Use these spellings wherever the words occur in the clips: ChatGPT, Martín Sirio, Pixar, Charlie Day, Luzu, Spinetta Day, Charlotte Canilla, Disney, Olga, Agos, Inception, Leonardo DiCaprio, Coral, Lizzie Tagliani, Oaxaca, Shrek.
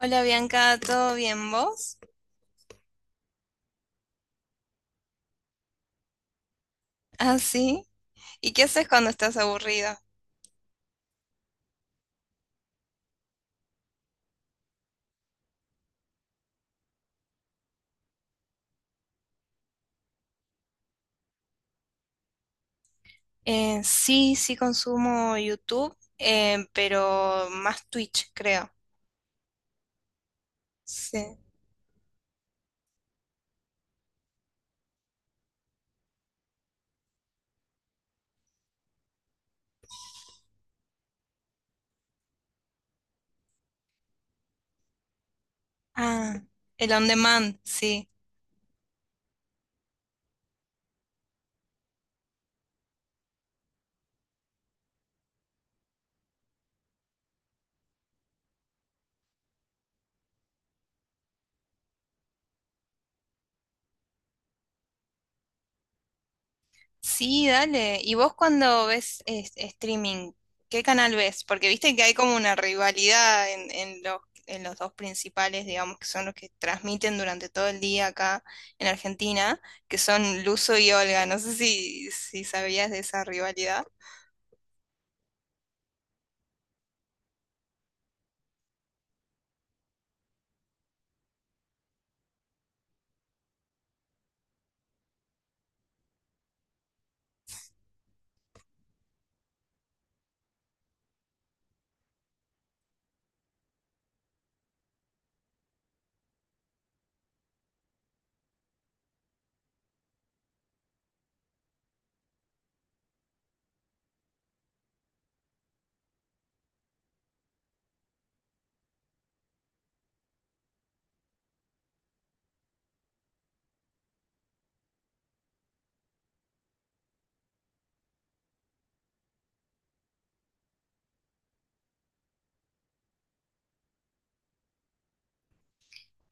Hola Bianca, ¿todo bien vos? Ah, sí. ¿Y qué haces cuando estás aburrida? Sí, sí consumo YouTube, pero más Twitch, creo. Sí. Ah, el on demand, sí. Sí, dale. ¿Y vos cuando ves streaming, qué canal ves? Porque viste que hay como una rivalidad en los dos principales, digamos, que son los que transmiten durante todo el día acá en Argentina, que son Luzo y Olga. No sé si sabías de esa rivalidad.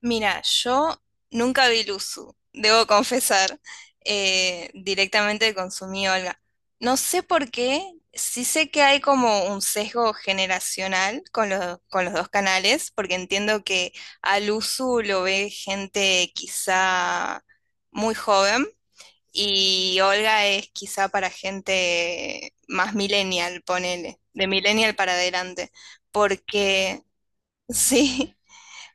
Mira, yo nunca vi Luzu, debo confesar. Eh, directamente consumí Olga. No sé por qué, sí sé que hay como un sesgo generacional con con los dos canales, porque entiendo que a Luzu lo ve gente quizá muy joven y Olga es quizá para gente más millennial, ponele, de millennial para adelante, porque sí,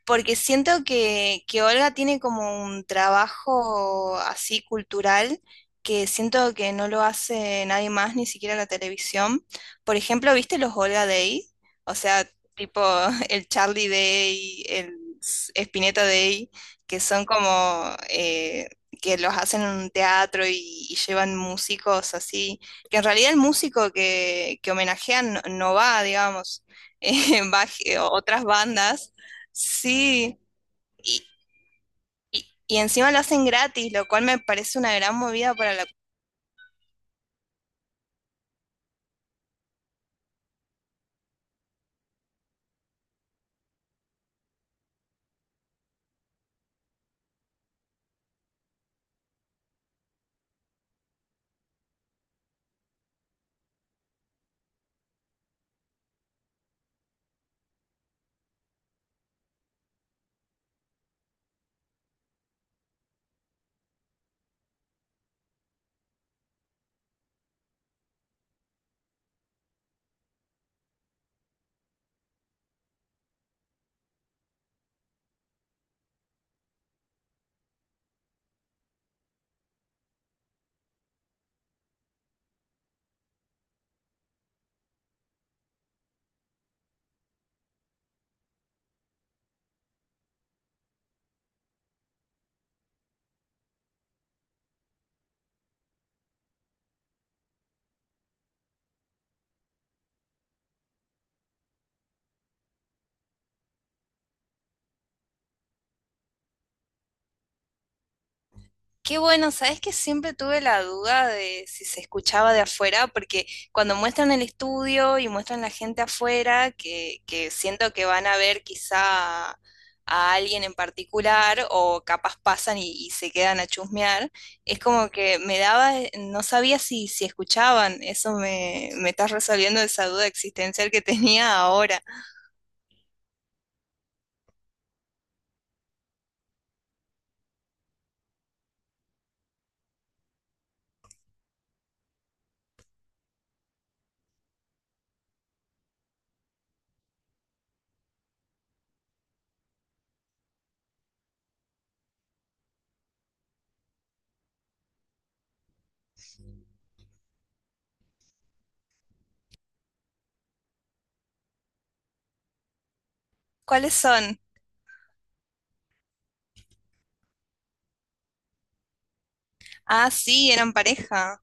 porque siento que Olga tiene como un trabajo así cultural que siento que no lo hace nadie más, ni siquiera la televisión. Por ejemplo, ¿viste los Olga Day? O sea, tipo el Charlie Day, el Spinetta Day, que son como que los hacen en un teatro y llevan músicos así, que en realidad el músico que homenajean no, no va, digamos, va otras bandas. Sí, y, y encima lo hacen gratis, lo cual me parece una gran movida para la... Qué bueno, ¿sabes que siempre tuve la duda de si se escuchaba de afuera? Porque cuando muestran el estudio y muestran la gente afuera, que siento que van a ver quizá a alguien en particular o capaz pasan y se quedan a chusmear, es como que me daba, no sabía si escuchaban, eso me estás resolviendo esa duda existencial que tenía ahora. ¿Cuáles son? Ah, sí, eran pareja.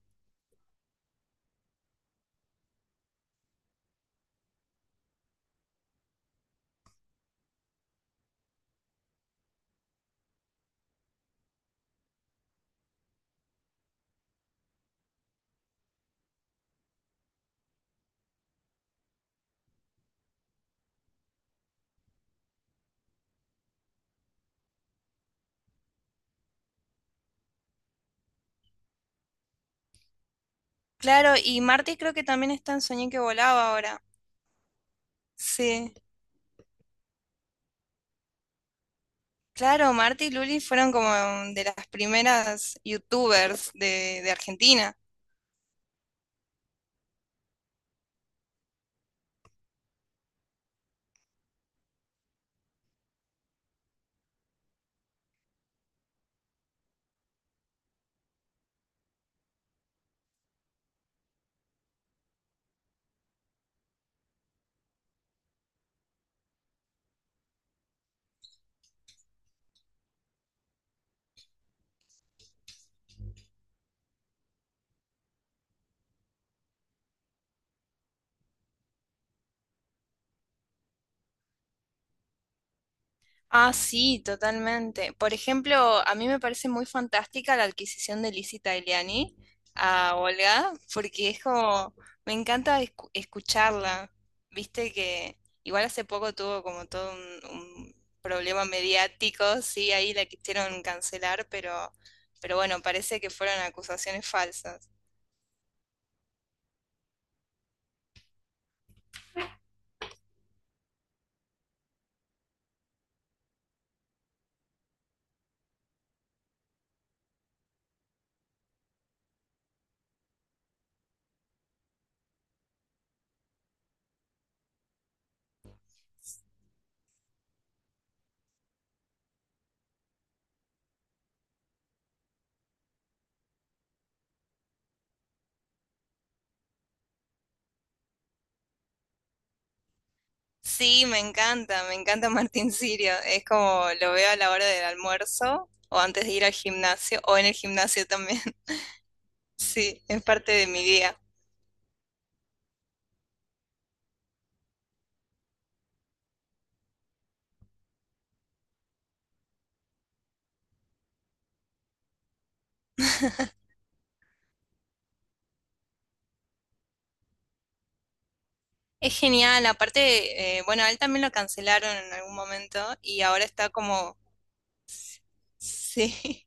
Claro, y Marty creo que también está en Soñé que volaba ahora. Sí. Claro, Marty y Luli fueron como de las primeras youtubers de Argentina. Ah, sí, totalmente. Por ejemplo, a mí me parece muy fantástica la adquisición de Lizzie Tagliani a Olga, porque es como, me encanta escucharla. Viste que igual hace poco tuvo como todo un problema mediático, sí, ahí la quisieron cancelar, pero bueno, parece que fueron acusaciones falsas. Sí, me encanta Martín Sirio. Es como lo veo a la hora del almuerzo o antes de ir al gimnasio o en el gimnasio también. Sí, es parte de mi día. Es genial, aparte, bueno, a él también lo cancelaron en algún momento y ahora está como, sí.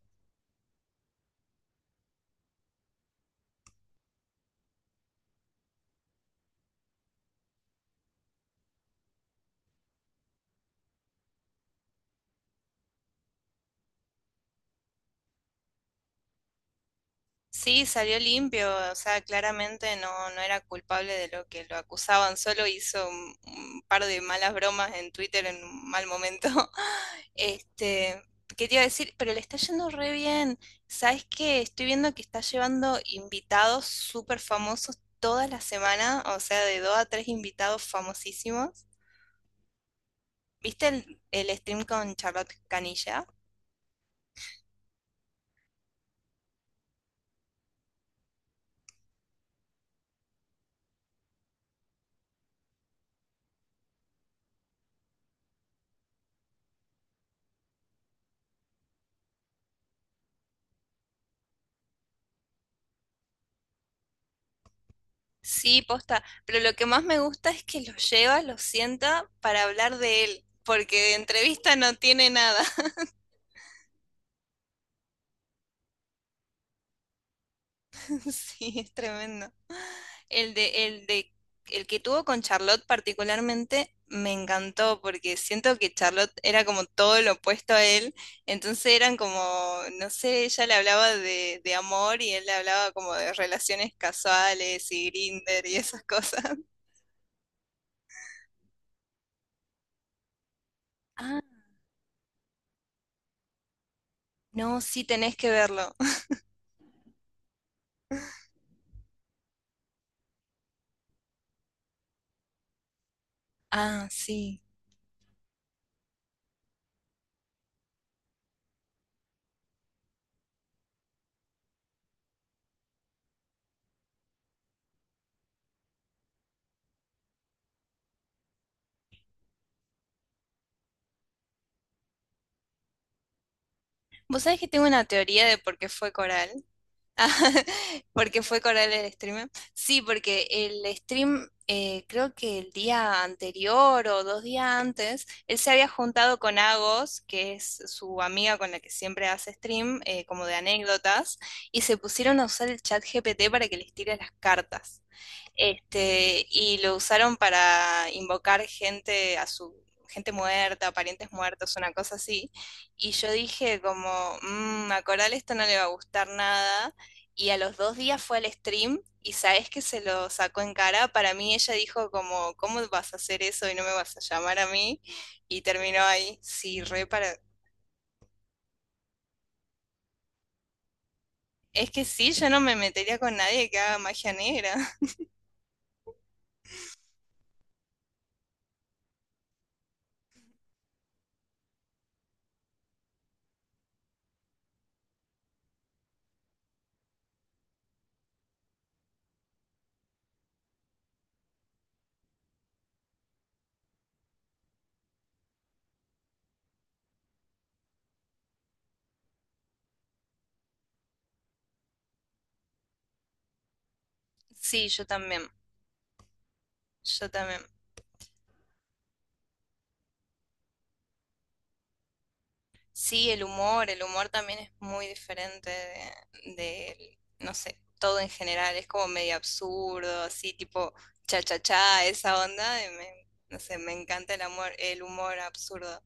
Sí, salió limpio, o sea, claramente no, no era culpable de lo que lo acusaban, solo hizo un par de malas bromas en Twitter en un mal momento. Este, ¿qué te iba a decir? Pero le está yendo re bien. ¿Sabes qué? Estoy viendo que está llevando invitados súper famosos toda la semana, o sea, de dos a tres invitados famosísimos. ¿Viste el stream con Charlotte Canilla? Sí, posta, pero lo que más me gusta es que lo lleva, lo sienta para hablar de él, porque de entrevista no tiene nada. Sí, es tremendo. El de, el de, el que tuvo con Charlotte particularmente me encantó, porque siento que Charlotte era como todo lo opuesto a él, entonces eran como, no sé, ella le hablaba de amor y él le hablaba como de relaciones casuales y Grinder y esas cosas. Ah, no, sí tenés que verlo. Ah, sí. Vos sabés que tengo una teoría de por qué fue Coral. ¿Por qué fue Coral el streamer? Sí, porque el stream, creo que el día anterior o dos días antes, él se había juntado con Agos, que es su amiga con la que siempre hace stream, como de anécdotas, y se pusieron a usar el chat GPT para que les tire las cartas. Este, y lo usaron para invocar gente a su gente muerta, parientes muertos, una cosa así. Y yo dije como, "Mm, a Coral esto no le va a gustar nada." Y a los dos días fue al stream y sabes que se lo sacó en cara. Para mí ella dijo como, ¿cómo vas a hacer eso y no me vas a llamar a mí? Y terminó ahí. Sí, re para... Es que sí, yo no me metería con nadie que haga magia negra. Sí, yo también. Yo también. Sí, el humor también es muy diferente no sé, todo en general, es como medio absurdo, así tipo cha cha cha, esa onda, y me- no sé, me encanta el amor, el humor absurdo.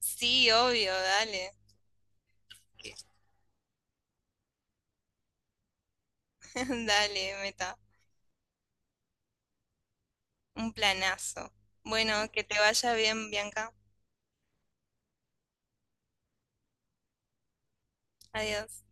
Sí, obvio, dale, dale, meta, un planazo. Bueno, que te vaya bien, Bianca. Adiós.